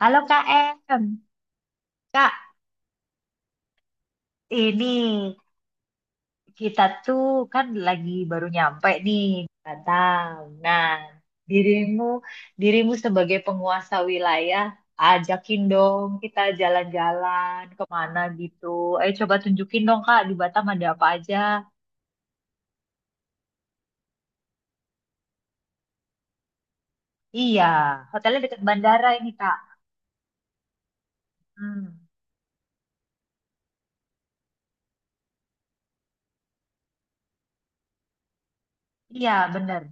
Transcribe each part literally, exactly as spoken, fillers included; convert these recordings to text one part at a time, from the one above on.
Halo Kak Em, Kak ini kita tuh kan lagi baru nyampe nih Batam. Nah, dirimu dirimu sebagai penguasa wilayah, ajakin dong kita jalan-jalan kemana gitu. Ayo coba tunjukin dong Kak di Batam ada apa aja. Iya, hotelnya dekat bandara ini Kak. Hmm, iya bener.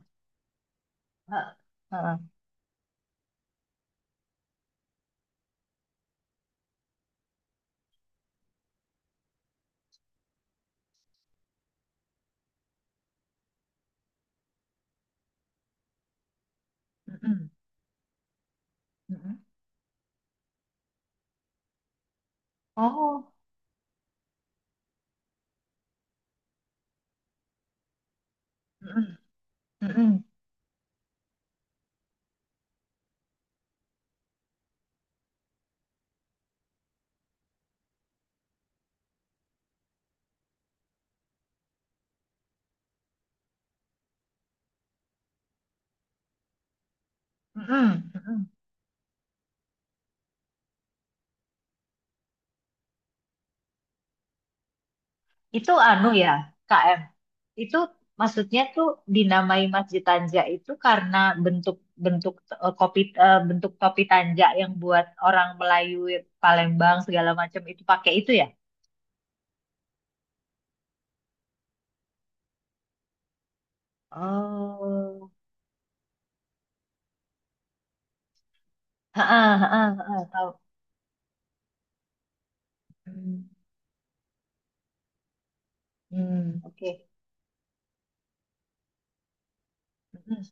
Heeh, heeh. Mm-mm, mm-mm. Oh, mm-mm, mm-mm, mm-mm, mm-mm. Itu anu ya, K M. Itu maksudnya tuh dinamai Masjid Tanja itu karena bentuk bentuk eh, kopi eh, bentuk topi tanja yang buat orang Melayu Palembang segala macam itu pakai itu ya. Oh, heeh, heeh, heeh, tahu. Hmm, hmm, oke. Mm-mm,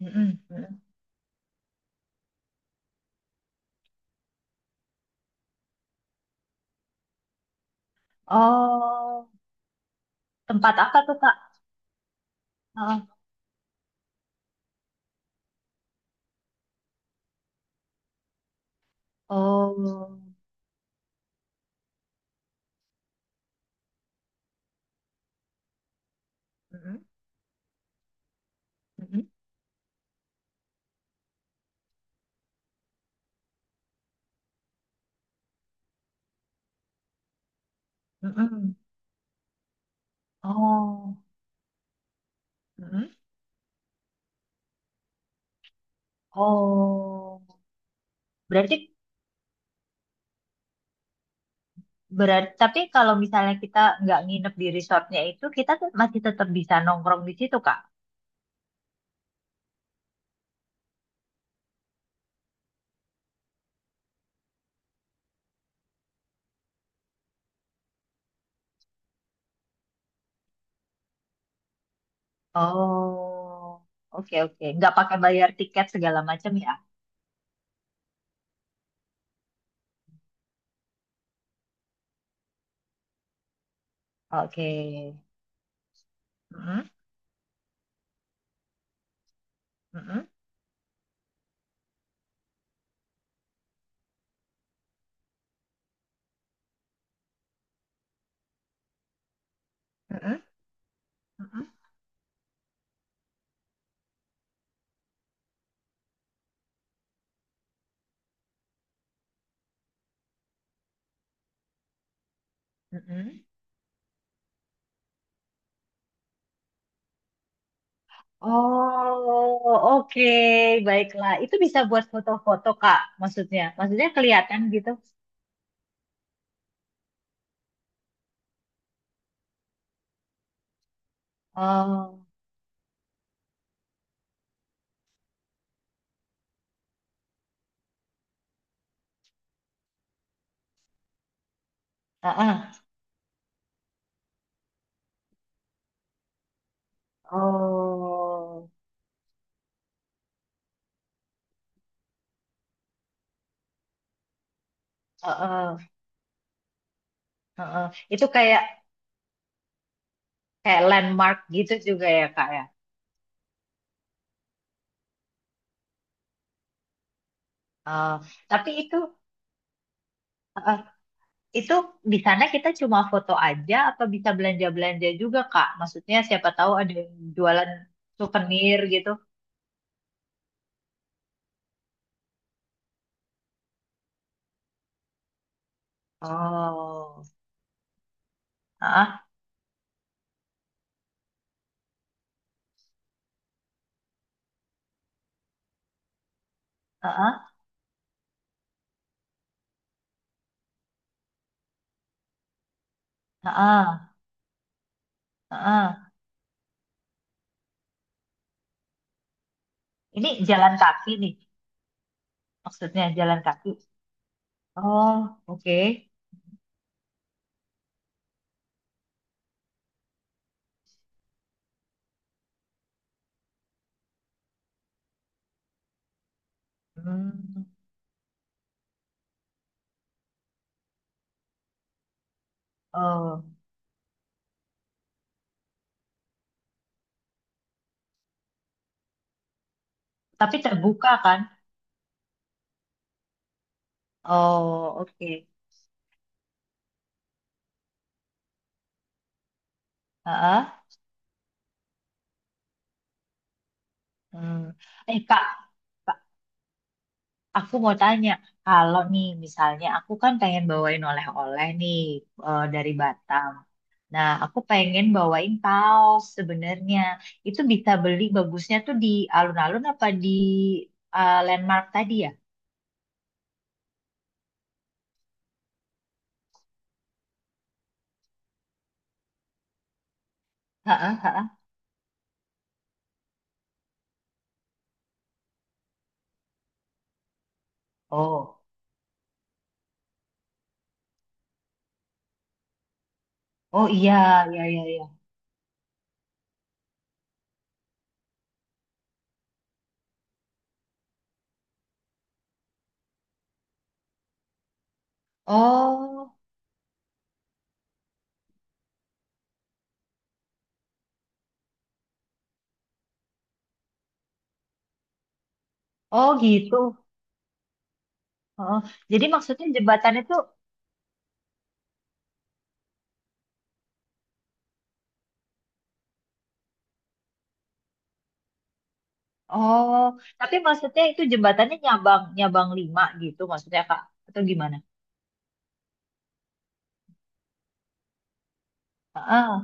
mm-mm, mm-mm. Oh, tempat apa tuh Kak? Heeh. Oh, mm-mm, mm-mm, mm-mm. Oh, mm-mm. Oh, berarti Berarti, tapi kalau misalnya kita nggak nginep di resortnya itu, kita tuh masih tetap bisa nongkrong di situ, Kak. Oh, oke oke. Nggak pakai bayar tiket segala macam ya? Oke. Mm-mm, mm-mm, mm-mm, mm-mm, mm-mm. Oh, oke. Baiklah. Itu bisa buat foto-foto, Kak, maksudnya. Maksudnya kelihatan gitu. Oh, heeh. Oh, heeh, heeh. Itu kayak kayak landmark gitu juga ya, Kak, ya? Oh, tapi itu eh, itu di sana kita cuma foto aja apa bisa belanja-belanja juga Kak? Maksudnya siapa tahu ada yang jualan souvenir gitu. Oh, ah, ah, ah, ah, ah. Ini jalan kaki nih, maksudnya jalan kaki. Oh, oke. Hmm, oh, tapi terbuka kan? Oh, oke. Ah, ah. Hmm. Eh Kak. Aku mau tanya, kalau nih misalnya aku kan pengen bawain oleh-oleh nih eh, dari Batam. Nah, aku pengen bawain kaos sebenarnya. Itu bisa beli bagusnya tuh di alun-alun apa di eh, landmark tadi ya? Heeh, heeh. Oh, oh iya, iya, iya, iya. Oh, oh gitu. Oh, jadi maksudnya jembatan itu, oh, tapi maksudnya itu jembatannya nyabang, nyabang lima gitu maksudnya Kak, atau gimana? Heeh.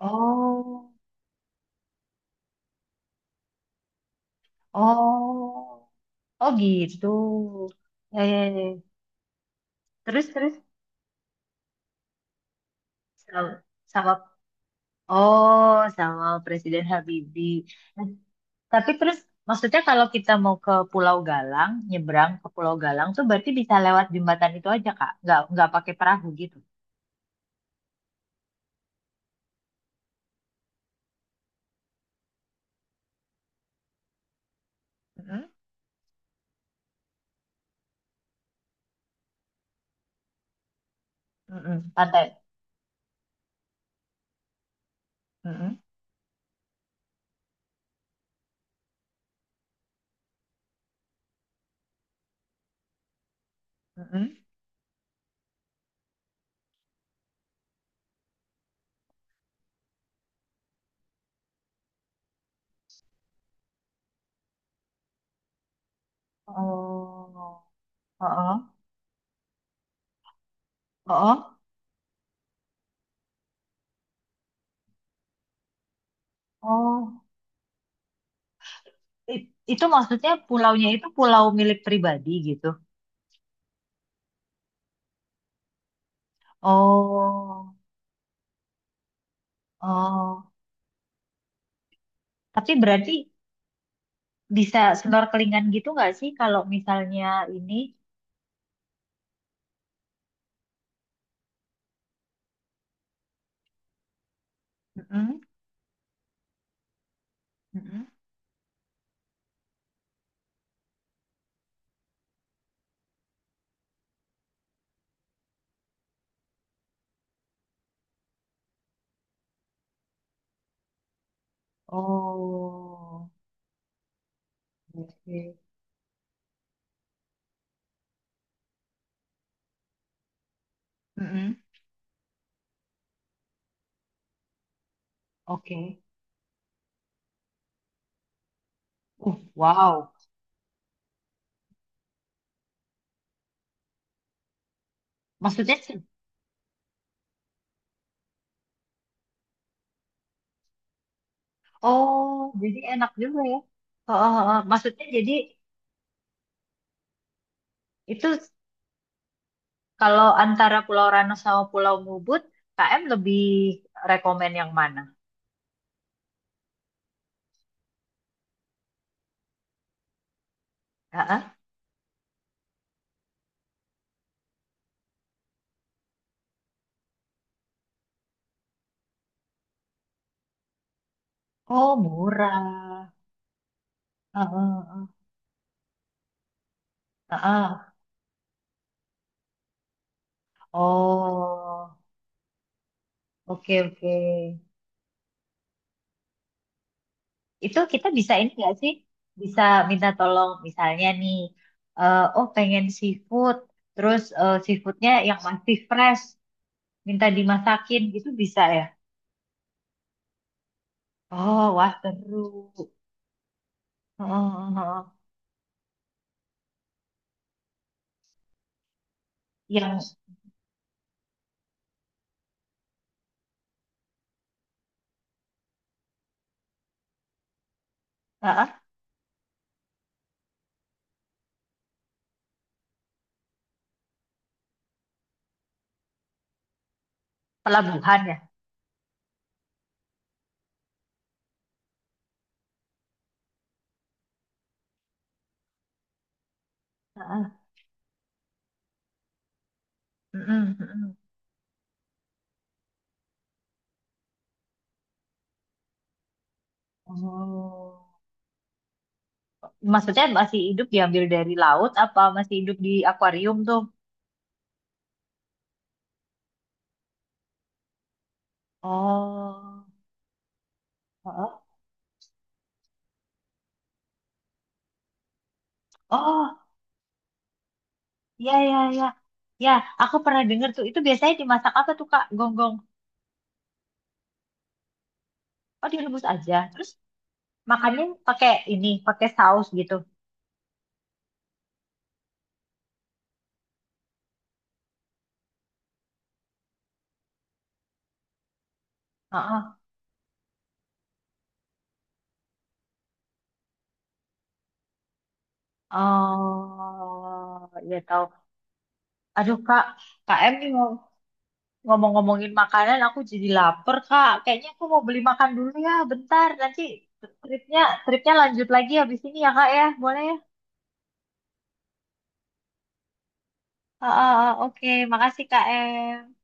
Oh. Oh, oh gitu. Ya, ya, ya. Terus, terus sama, sama oh sama Presiden Habibie. Nah, Tapi terus maksudnya kalau kita mau ke Pulau Galang, nyebrang ke Pulau Galang tuh berarti bisa lewat jembatan itu aja Kak, nggak nggak pakai perahu gitu. Mm-mm, mm-mm, Pantai. Mm-mm, mm-mm. Oh, oh, oh, oh, I- itu maksudnya pulaunya itu pulau milik pribadi gitu. Oh, oh, tapi berarti bisa snorkelingan gitu nggak sih kalau misalnya ini? Mm-mm, mm-mm, oh, oke, mm-mm. Oke. Uh, wow. Maksudnya, se- oh, jadi enak juga ya. Oh, oh, oh. Maksudnya jadi itu kalau antara Pulau Rano sama Pulau Mubut, K M lebih rekomen yang mana? Heeh. Oh, murah. Heeh, heeh, heeh. Oh, oke, oke. Itu kita bisa ini nggak sih bisa minta tolong misalnya nih eh, oh pengen seafood terus eh, seafoodnya yang masih fresh minta dimasakin gitu bisa ya oh wah seru. Heeh, heeh. Yang heeh, pelabuhan ya. Heeh. Mm-mm, mm-mm. Oh. Maksudnya masih hidup diambil dari laut apa masih hidup di akuarium tuh oh. Heeh. Oh ya, ya, ya. Ya, aku pernah denger tuh. Itu biasanya dimasak apa tuh, Kak? Gonggong. Oh, direbus aja. Terus makannya pakai ini, pakai saus gitu. Heeh. Oh, ya tahu. Aduh, Kak. Kak Em nih ngom- ngomong-ngomongin makanan, aku jadi lapar, Kak. Kayaknya aku mau beli makan dulu ya, bentar. Nanti tripnya, tripnya lanjut lagi habis ini ya, Kak ya. Boleh ya? Ah, heeh. Oke. Makasih, Kak Em.